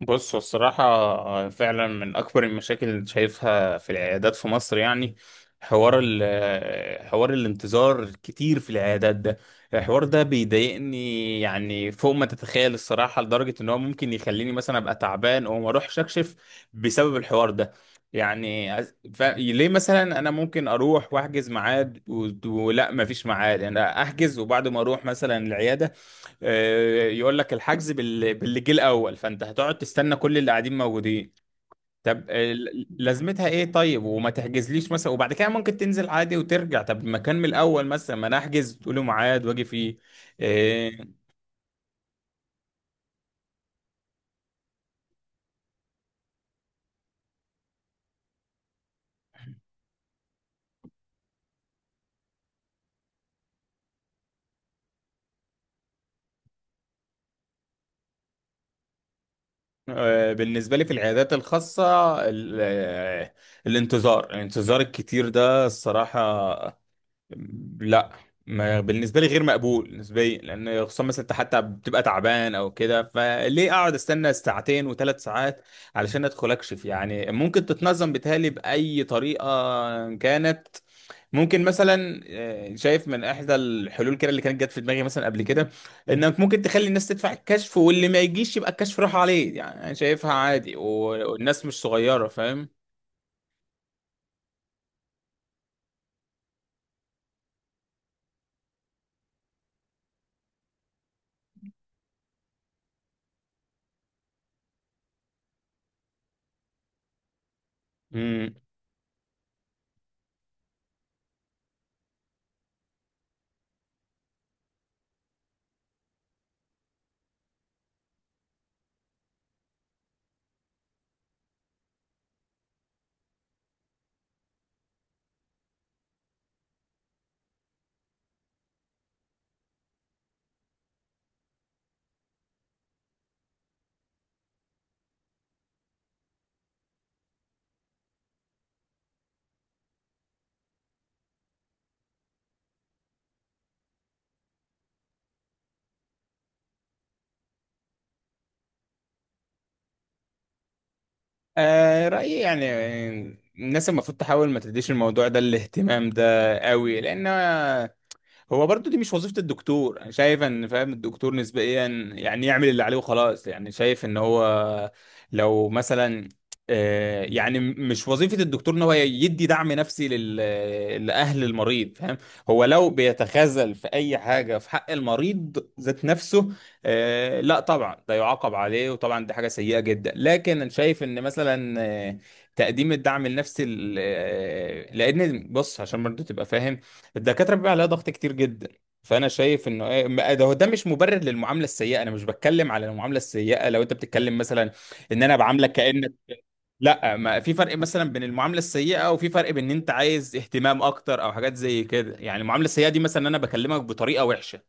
بص، هو الصراحة فعلا من أكبر المشاكل اللي شايفها في العيادات في مصر، يعني حوار ال حوار الانتظار كتير في العيادات ده. الحوار ده بيضايقني يعني فوق ما تتخيل الصراحة، لدرجة إن هو ممكن يخليني مثلا أبقى تعبان أو ما أروحش أكشف بسبب الحوار ده. يعني ليه مثلا أنا ممكن أروح وأحجز ميعاد ولا مفيش ميعاد؟ يعني أحجز وبعد ما أروح مثلا العيادة، يقول لك الحجز باللي جه الاول، فانت هتقعد تستنى كل اللي قاعدين موجودين. طب لازمتها ايه طيب؟ وما تحجزليش مثلا وبعد كده ممكن تنزل عادي وترجع. طب ما كان من الاول مثلا، ما انا احجز تقولي ميعاد واجي فيه. آه، بالنسبه لي في العيادات الخاصه، ال- آه، الانتظار الكتير ده الصراحه، لا، ما بالنسبه لي غير مقبول. بالنسبه لي لان خصوصا مثلا انت حتى بتبقى تعبان او كده، فليه اقعد استنى ساعتين و3 ساعات علشان ادخل اكشف؟ يعني ممكن تتنظم، بتهيألي باي طريقه كانت. ممكن مثلا، شايف من احدى الحلول كده اللي كانت جت في دماغي مثلا قبل كده، انك ممكن تخلي الناس تدفع الكشف، واللي ما يجيش يبقى الكشف راح عليه. يعني انا شايفها عادي، والناس مش صغيره، فاهم؟ آه رأيي يعني، الناس المفروض تحاول ما تديش الموضوع ده الاهتمام ده قوي، لأن هو برضو دي مش وظيفة الدكتور. انا شايف ان، فاهم، الدكتور نسبيا يعني يعمل اللي عليه وخلاص. يعني شايف ان هو لو مثلا، مش وظيفة الدكتور ان هو يدي دعم نفسي لأهل المريض، فاهم؟ هو لو بيتخاذل في اي حاجة في حق المريض ذات نفسه، لا طبعا ده يعاقب عليه وطبعا دي حاجة سيئة جدا. لكن انا شايف ان مثلا، تقديم الدعم النفسي لان بص، عشان برضو تبقى فاهم، الدكاترة بيبقى عليها ضغط كتير جدا. فأنا شايف إنه إيه ما- ده هو ده مش مبرر للمعاملة السيئة. أنا مش بتكلم على المعاملة السيئة لو أنت بتتكلم مثلا إن أنا بعاملك كأنك، لا، ما في فرق مثلا بين المعاملة السيئة، وفي فرق بين إن أنت عايز اهتمام أكتر أو حاجات زي كده. يعني المعاملة السيئة دي مثلا إن أنا بكلمك بطريقة وحشة،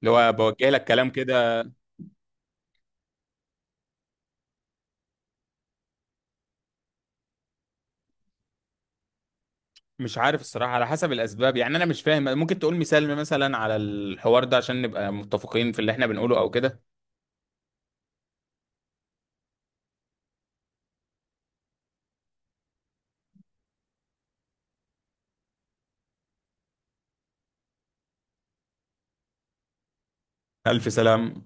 اللي هو بوجه لك كلام كده. مش عارف الصراحة على حسب الأسباب، يعني أنا مش فاهم. ممكن تقول مثال مثلا على الحوار ده عشان نبقى متفقين في اللي إحنا بنقوله أو كده. ألف سلام.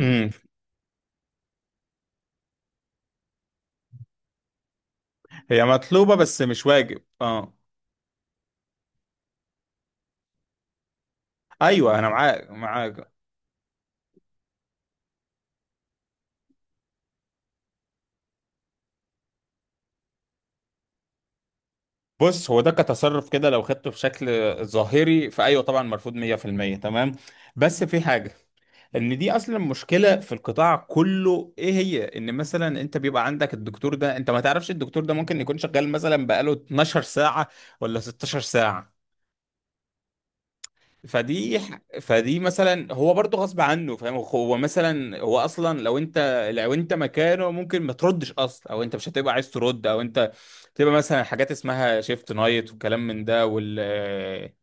امم، هي مطلوبة بس مش واجب، اه. ايوه انا معاك، معاك. بص، هو ده كتصرف كده لو خدته في شكل ظاهري، فايوه طبعا مرفوض 100%، تمام. بس في حاجة، ان دي اصلا مشكلة في القطاع كله. ايه هي؟ ان مثلا انت بيبقى عندك الدكتور ده، انت ما تعرفش، الدكتور ده ممكن يكون شغال مثلا بقاله 12 ساعة ولا 16 ساعة. فدي فدي مثلا هو برضه غصب عنه، فاهم؟ هو مثلا، هو اصلا لو انت، لو انت مكانه ممكن ما تردش اصلا، او انت مش هتبقى عايز ترد، او انت تبقى مثلا حاجات اسمها شيفت نايت والكلام من ده، وال آه،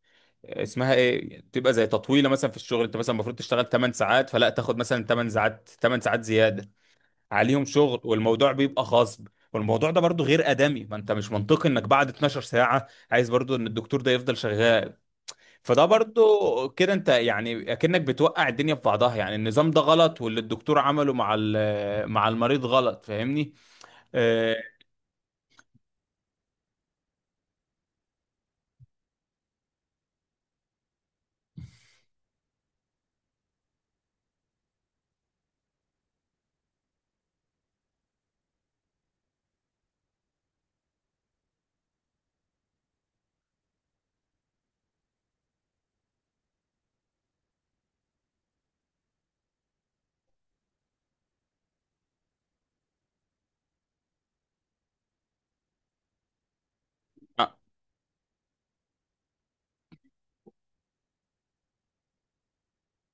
اسمها ايه، تبقى زي تطويله مثلا في الشغل. انت مثلا المفروض تشتغل 8 ساعات، فلا تاخد مثلا 8 ساعات 8 ساعات زياده عليهم شغل. والموضوع بيبقى غصب، والموضوع ده برضه غير ادمي. ما انت مش منطقي انك بعد 12 ساعه عايز برضه ان الدكتور ده يفضل شغال. فده برضو كده انت يعني اكنك بتوقع الدنيا في بعضها. يعني النظام ده غلط، واللي الدكتور عمله مع مع المريض غلط، فاهمني؟ آه آه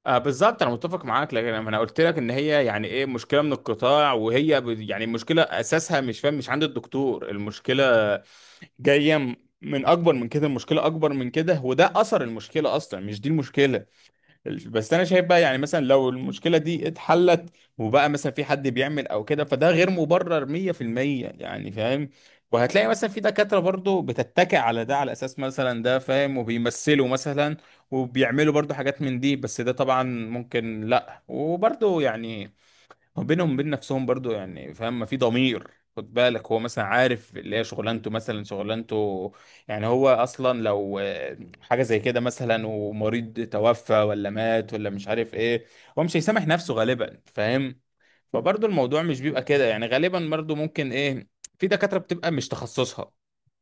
بالظبط، انا متفق معاك. لكن انا قلت لك ان هي يعني ايه، مشكله من القطاع، وهي يعني المشكله اساسها مش، فاهم، مش عند الدكتور المشكله. جايه من اكبر من كده. المشكله اكبر من كده، وده اثر المشكله، اصلا مش دي المشكله. بس انا شايف بقى يعني مثلا لو المشكله دي اتحلت وبقى مثلا في حد بيعمل او كده، فده غير مبرر 100%، يعني فاهم؟ وهتلاقي مثلا في دكاتره برضو بتتكئ على ده، على اساس مثلا ده، فاهم، وبيمثلوا مثلا، وبيعملوا برضو حاجات من دي. بس ده طبعا ممكن لا، وبرضو يعني هو بينهم وبين نفسهم برضو، يعني فاهم، ما في ضمير. خد بالك هو مثلا عارف اللي هي شغلانته، مثلا شغلانته يعني. هو اصلا لو حاجه زي كده مثلا، ومريض توفى ولا مات ولا مش عارف ايه، هو مش هيسامح نفسه غالبا، فاهم؟ فبرضو الموضوع مش بيبقى كده. يعني غالبا برضو ممكن ايه، في دكاتره بتبقى مش تخصصها.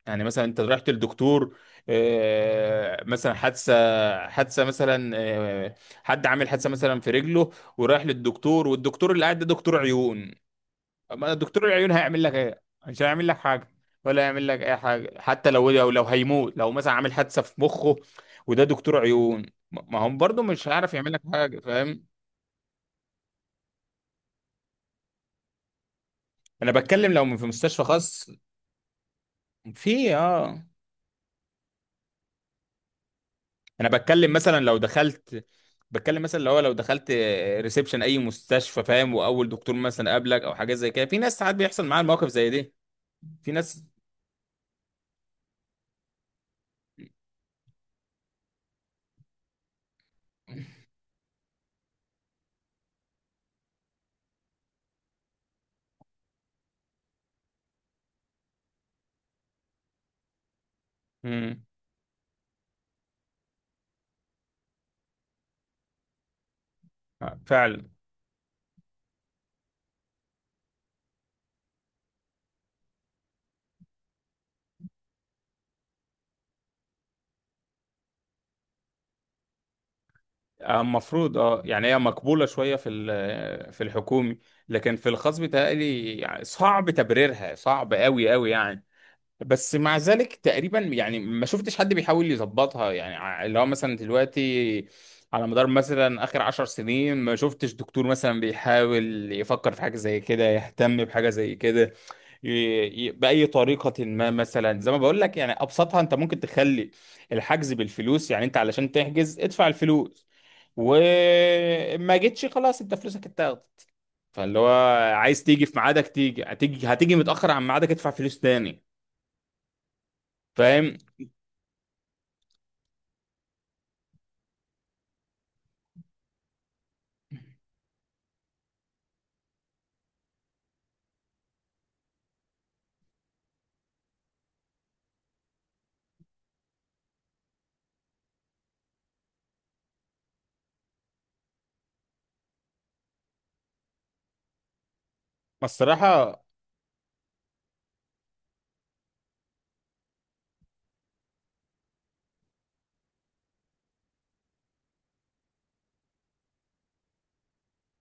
يعني مثلا انت رحت للدكتور، آه، مثلا حادثه حادثه مثلا آه، حد عامل حادثه مثلا في رجله، ورايح للدكتور، والدكتور اللي قاعد ده دكتور عيون. أما دكتور العيون هيعمل لك ايه؟ مش هيعمل لك حاجه، ولا هيعمل لك اي حاجه، حتى لو هيموت، لو مثلا عامل حادثه في مخه وده دكتور عيون، ما هم برضه مش هيعرف يعمل لك حاجه، فاهم؟ انا بتكلم لو في مستشفى خاص، في اه. انا بتكلم مثلا لو دخلت، بتكلم مثلا لو دخلت ريسبشن اي مستشفى، فاهم، واول دكتور مثلا قابلك او حاجه زي كده. في ناس ساعات بيحصل معاها المواقف زي دي، في ناس. مم. آه، فعلا. آه، المفروض اه، يعني هي مقبولة شوية في الحكومي، لكن في الخاص بيتهيألي يعني صعب تبريرها، صعب قوي قوي يعني. بس مع ذلك تقريبا يعني ما شفتش حد بيحاول يظبطها، يعني اللي هو مثلا دلوقتي، على مدار مثلا اخر 10 سنين، ما شفتش دكتور مثلا بيحاول يفكر في حاجة زي كده، يهتم بحاجة زي كده، ي- بأي طريقة. ما مثلا زي ما بقول لك يعني، أبسطها، أنت ممكن تخلي الحجز بالفلوس. يعني أنت علشان تحجز ادفع الفلوس، وما جيتش، خلاص، أنت فلوسك اتاخدت. فاللي هو عايز تيجي في ميعادك تيجي، هتيجي متأخر عن ميعادك، ادفع فلوس تاني، فاهم؟ الصراحة.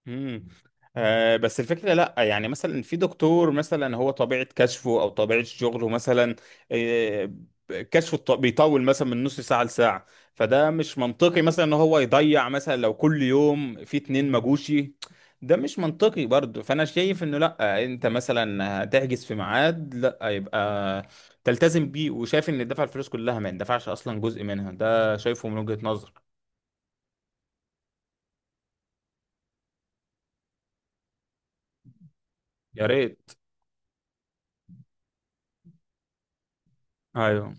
مم. آه، بس الفكرة لأ، يعني مثلا في دكتور مثلا هو طبيعة كشفه أو طبيعة شغله مثلا، آه، بيطول مثلا من نص ساعة لساعة، فده مش منطقي مثلا إن هو يضيع مثلا لو كل يوم في اتنين مجوشي. ده مش منطقي برضه. فأنا شايف إنه لأ، أنت مثلا هتحجز في ميعاد لأ، يبقى تلتزم بيه. وشايف إن دفع الفلوس كلها ما يندفعش أصلا، جزء منها، ده شايفه من وجهة نظر. يا ريت. أيوه.